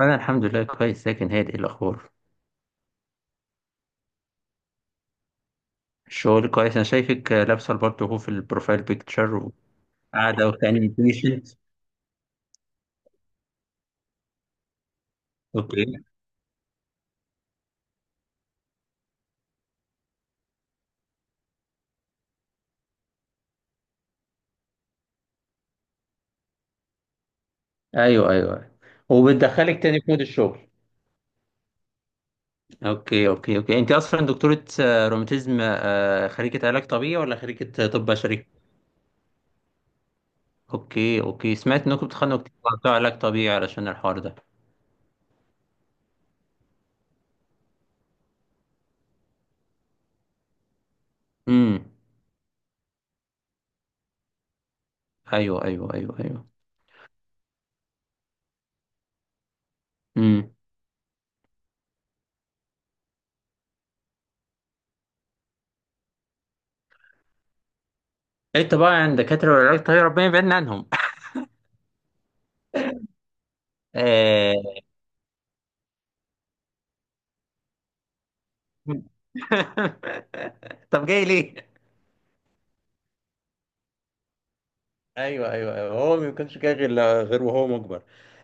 انا الحمد لله كويس، لكن هادئ الاخبار. الشغل كويس. انا شايفك لابسه البارت اهو في البروفايل بيكتشر، وقاعده وتاني بيشنت. اوكي. ايوه، ايوه، وبتدخلك تاني في مود الشغل. اوكي. اوكي. اوكي، انت اصلا دكتوره روماتيزم، خريجه علاج طبيعي ولا خريجه طب بشري؟ اوكي. اوكي، سمعت انكم بتخانقوا كتير على بتوع علاج طبيعي علشان الحوار ده. امم. ايوه، ايوه، ايوه، ايوه. امم. انت بقى عند دكاتره العلاج الطبيعي ربنا يبعدنا عنهم. طب جاي ليه؟ ايوه، ايوه، ايوه، هو ما كانش كده غير وهو مجبر.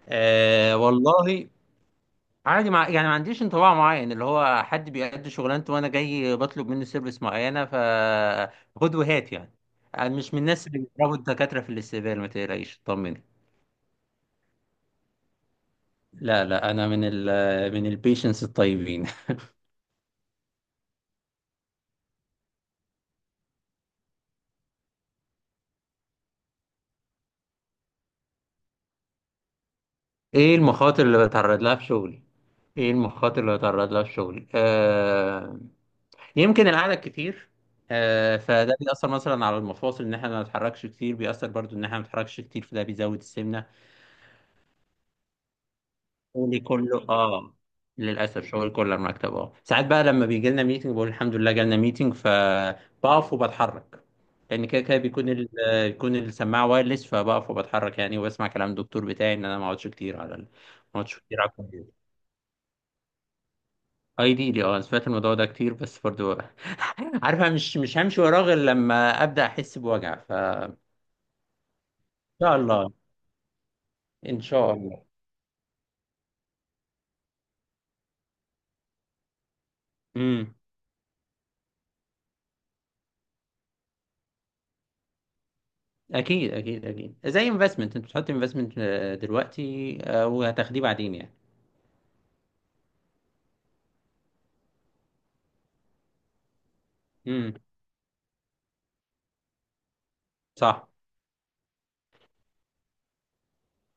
آه والله. عادي، مع يعني ما عنديش انطباع معين. اللي هو حد بيأدي شغلانته وانا جاي بطلب منه سيرفيس معينه، ف خد وهات يعني. انا مش من الناس اللي بيضربوا الدكاتره في الاستقبال، ما تقلقيش طمني. لا، لا، انا من ال من البيشنس الطيبين. ايه المخاطر اللي بتعرض لها في شغلي ايه المخاطر اللي بتعرض لها في شغلي؟ آه، يمكن القعده الكتير. فده بيأثر مثلا على المفاصل ان احنا ما نتحركش كتير، بيأثر برضو ان احنا ما نتحركش كتير فده بيزود السمنه. شغلي كله، اه. للاسف شغل كله على المكتب، اه. ساعات بقى لما بيجي لنا ميتنج بقول الحمد لله جالنا ميتنج، فبقف وبتحرك. لان كده كده بيكون بيكون السماعه وايرلس، فبقف وبتحرك يعني، وبسمع كلام الدكتور بتاعي ان انا ما اقعدش كتير على الكمبيوتر. ايديلي، اه. أنا سمعت الموضوع ده كتير بس برضو عارفه، مش همشي وراه غير لما ابدا احس بوجع، ف شاء الله. ان شاء الله. امم. اكيد، اكيد، اكيد. زي انفستمنت، انت بتحط انفستمنت دلوقتي، وهتاخديه بعدين يعني. امم. صح.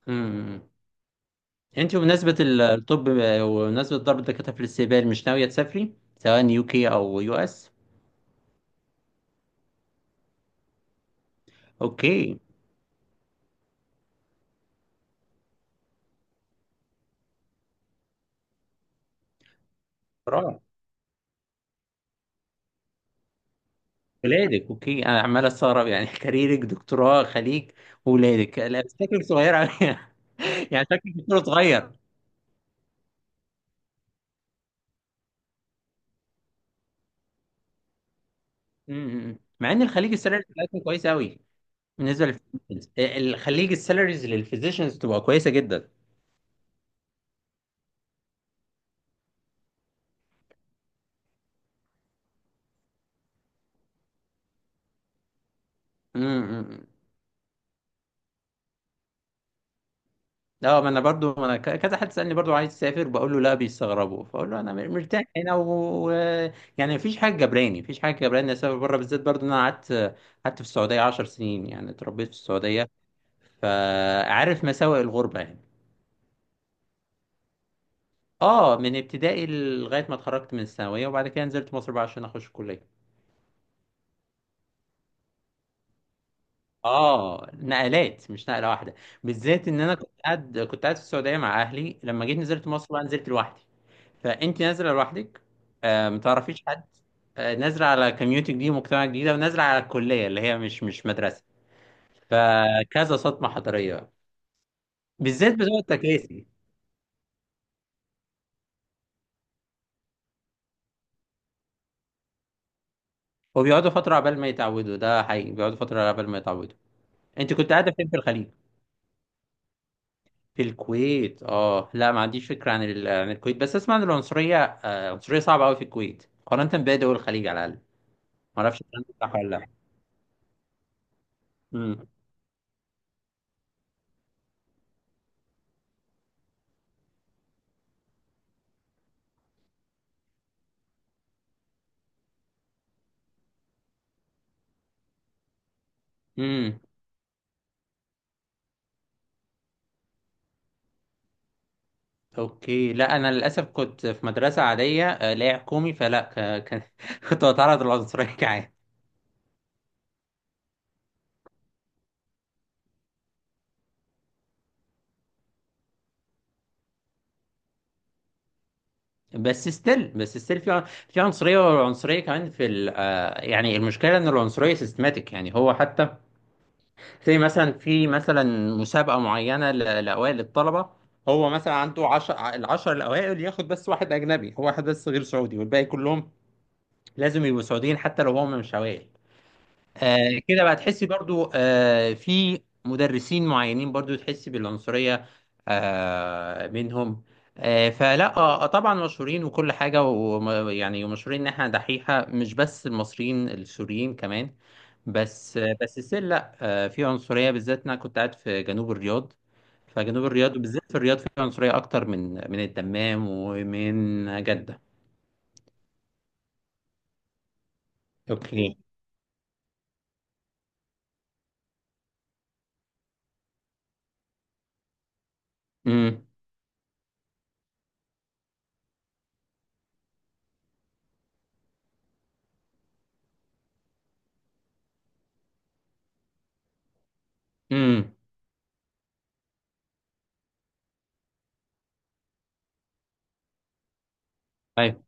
امم، انت بمناسبه الطب، وبمناسبه ضرب الدكاتره في الاستقبال، مش ناويه تسافري سواء يو كي او يو اس؟ اوكي. برافو. ولادك، اوكي. انا عمال استغرب يعني كاريرك، دكتوراه، خليج، ولادك، لا بس شكلك صغير قوي. يعني شكلك دكتور صغير. امم. مع ان الخليج السالري بتاعتهم كويس قوي. بالنسبه للفيزيشنز، الخليج السالاريز للفيزيشنز تبقى كويسه جدا. امم. اه، ما انا برضو، ما انا ك- كذا حد سالني برضو عايز تسافر بقول له لا، بيستغربوا فاقول له انا مرتاح هنا و و- يعني مفيش حاجه جبراني إني اسافر بره، بالذات برضو ان انا قعدت في السعوديه 10 سنين، يعني اتربيت في السعوديه، فعارف مساوئ الغربه يعني. اه، من ابتدائي لغايه ما اتخرجت من الثانويه، وبعد كده نزلت مصر بقى عشان اخش الكليه. اه، نقلات مش نقله واحده. بالذات ان انا كنت قاعد في السعوديه مع اهلي، لما جيت نزلت مصر بقى نزلت لوحدي. فانت نازله لوحدك، ما تعرفيش حد، نازله على كميونتي جديد ومجتمع جديد، ونازله على الكليه اللي هي مش مدرسه. فكذا صدمه حضاريه بقى. بالذات بتوع التكاسي. وبيقعدوا فتره عبال ما يتعودوا، ده حقيقي، بيقعدوا فتره عبال ما يتعودوا. انت كنت قاعده فين في الخليج؟ في الكويت. اه، لا ما عنديش فكرة عن الكويت، بس اسمع ان العنصرية، عنصرية صعبة قوي في الكويت مقارنة بباقي دول الخليج على الاقل. ما اعرفش الكلام ده صح ولا لا. امم. امم. اوكي. لا، انا للاسف كنت في مدرسة عادية، لا هي حكومي فلا ك... ك... كنت بتعرض للعنصرية كعادي. بس ستيل في في عنصرية، والعنصرية كمان في ال... آه، يعني المشكلة ان العنصرية سيستماتيك يعني، هو حتى زي مثلا، في مسابقة معينة لأوائل الطلبة، هو مثلا عنده العشر الأوائل، ياخد بس واحد أجنبي، هو واحد بس غير سعودي والباقي كلهم لازم يبقوا سعوديين حتى لو هم مش أوائل. كده بقى تحسي برضو، في مدرسين معينين برضو تحسي بالعنصرية، منهم. فلا، طبعا مشهورين وكل حاجة، ويعني مشهورين إن إحنا دحيحة، مش بس المصريين، السوريين كمان. بس السيل، لا في عنصرية، بالذات انا كنت قاعد في جنوب الرياض. فجنوب الرياض وبالذات في الرياض في عنصرية اكتر من الدمام ومن جدة. اوكي. امم. امم. ايوه.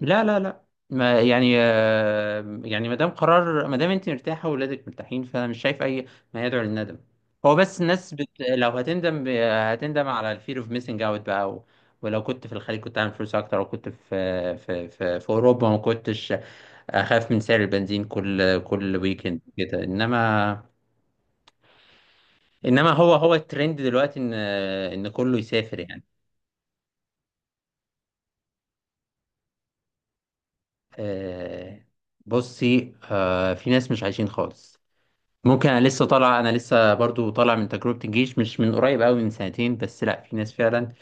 لا، لا، لا، ما يعني، يعني ما دام قرار، ما دام انت مرتاحة واولادك مرتاحين، فانا مش شايف اي ما يدعو للندم. هو بس الناس لو هتندم هتندم على الفير اوف ميسنج اوت بقى، و ولو كنت في الخليج كنت عامل فلوس اكتر، وكنت في اوروبا ما كنتش اخاف من سعر البنزين كل ويكند كده، انما انما هو الترند دلوقتي ان كله يسافر يعني. آه، بصي، في ناس مش عايشين خالص. ممكن، انا لسه برضو طالع من تجربه الجيش مش من قريب قوي، من سنتين بس، لا في ناس فعلا،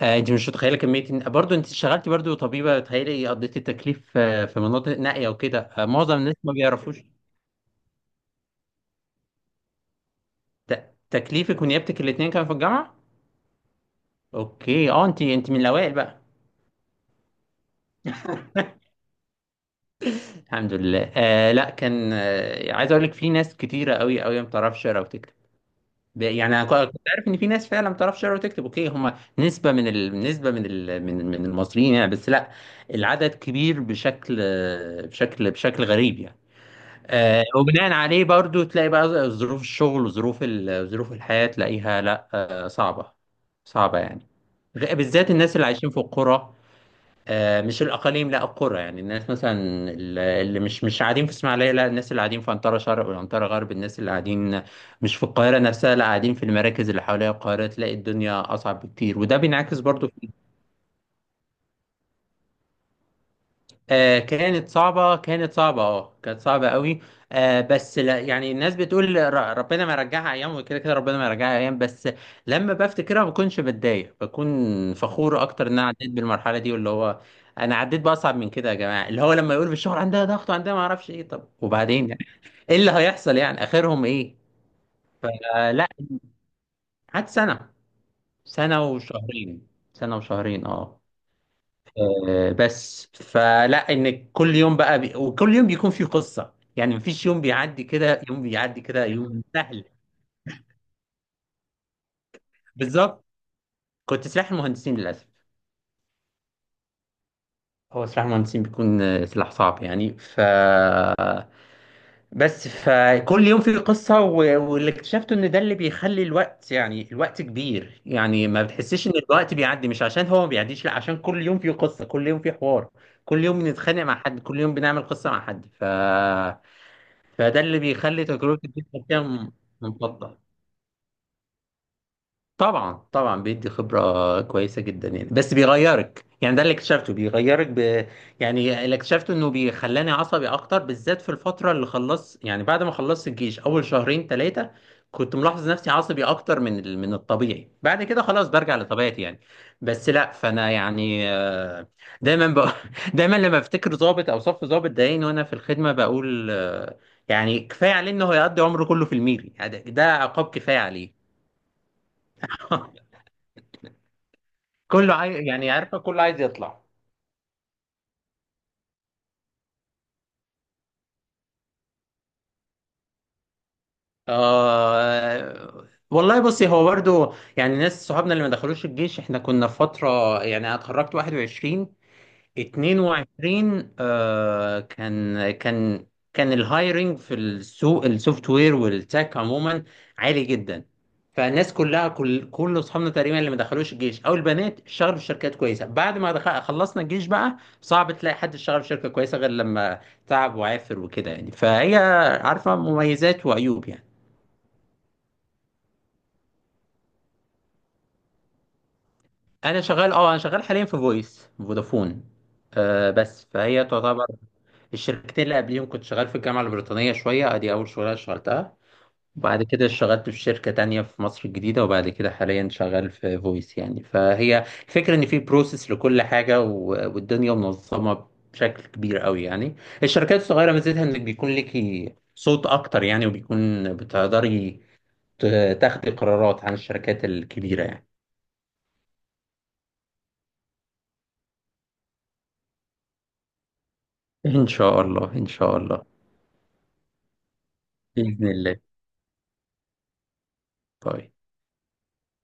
انت مش متخيله كميه برضو انت اشتغلتي برضو طبيبه، تخيلي قضيتي التكليف في مناطق نائيه وكده، معظم الناس ما بيعرفوش. تكليفك ونيابتك الاثنين كانوا في الجامعه؟ اوكي. اه، انت من الاوائل بقى؟ الحمد لله. لا كان، عايز اقول لك في ناس كتيره قوي قوي ما بتعرفش تقرا وتكتب. يعني انا كنت عارف ان في ناس فعلا ما بتعرفش تقرا وتكتب، اوكي، هم نسبه من ال... نسبه من ال... من من المصريين يعني، بس لا، العدد كبير بشكل، بشكل غريب يعني. وبناء عليه برضو تلاقي بقى ظروف الشغل ظروف الحياه تلاقيها، لا صعبه، صعبه يعني. بالذات الناس اللي عايشين في القرى، مش الاقاليم لا القرى، يعني الناس مثلا اللي مش قاعدين في اسماعيليه، لا الناس اللي قاعدين في عنترة شرق والعنترة غرب، الناس اللي قاعدين مش في القاهره نفسها، لا قاعدين في المراكز اللي حواليها القاهره، تلاقي الدنيا اصعب بكتير، وده بينعكس برضو. آه كانت صعبة، كانت صعبة، اه كانت صعبة قوي. آه، بس لا يعني، الناس بتقول ربنا ما يرجعها ايام، وكده كده ربنا ما يرجعها ايام، بس لما بفتكرها ما بكونش بتضايق، بكون فخور اكتر ان انا عديت بالمرحلة دي، واللي هو انا عديت باصعب من كده يا جماعة، اللي هو لما يقول في الشغل عندها ضغط وعندها ما اعرفش ايه، طب وبعدين يعني، ايه اللي هيحصل يعني؟ اخرهم ايه؟ فلا، قعدت سنة. سنة وشهرين، سنة وشهرين، اه. بس فلا، ان كل يوم بقى وكل يوم بيكون فيه قصه يعني، مفيش يوم بيعدي كده، يوم بيعدي كده يوم سهل. بالظبط. كنت سلاح المهندسين للاسف. هو سلاح المهندسين بيكون سلاح صعب يعني، ف بس فكل يوم فيه قصه واللي اكتشفته ان ده اللي بيخلي الوقت، يعني الوقت كبير يعني، ما بتحسش ان الوقت بيعدي، مش عشان هو ما بيعديش، لا عشان كل يوم فيه قصه، كل يوم فيه حوار، كل يوم بنتخانق مع حد، كل يوم بنعمل قصه مع حد، ف فده اللي بيخلي تجربة الجيم كده ممتطة. طبعا، طبعا، بيدي خبرة كويسة جدا يعني، بس بيغيرك يعني، ده اللي اكتشفته، بيغيرك يعني اللي اكتشفته انه بيخلاني عصبي اكتر، بالذات في الفترة اللي خلصت يعني، بعد ما خلصت الجيش اول شهرين ثلاثة كنت ملاحظ نفسي عصبي اكتر من الطبيعي، بعد كده خلاص برجع لطبيعتي يعني. بس لا، فانا يعني، دايما دايما لما افتكر ضابط او صف ضابط ضايقني وانا في الخدمة، بقول يعني كفاية عليه انه هيقضي عمره كله في الميري يعني، ده عقاب كفاية عليه. كله عايز يعني، عارفه كله عايز يطلع. آه والله. بصي، هو برضو يعني ناس صحابنا اللي ما دخلوش الجيش، احنا كنا في فتره يعني، انا اتخرجت 21 22، كان الهايرنج في السوق السوفت وير والتك عموما عالي جدا. فالناس كلها، كل اصحابنا تقريبا اللي ما دخلوش الجيش او البنات، اشتغلوا في شركات كويسه. بعد ما خلصنا الجيش بقى صعب تلاقي حد اشتغل في شركه كويسه غير لما تعب وعافر وكده يعني، فهي عارفه مميزات وعيوب يعني. انا شغال حاليا في فويس فودافون. بس فهي تعتبر. الشركتين اللي قبليهم كنت شغال في الجامعة البريطانية شوية، ادي اول شغلانة اشتغلتها. وبعد كده اشتغلت في شركة تانية في مصر الجديدة، وبعد كده حاليا شغال في فويس يعني، فهي الفكرة ان في بروسيس لكل حاجة، والدنيا منظمة بشكل كبير قوي يعني. الشركات الصغيرة ميزتها انك بيكون ليكي صوت اكتر يعني، وبيكون بتقدري تاخدي قرارات عن الشركات الكبيرة يعني. ان شاء الله. ان شاء الله. بإذن الله. طيب.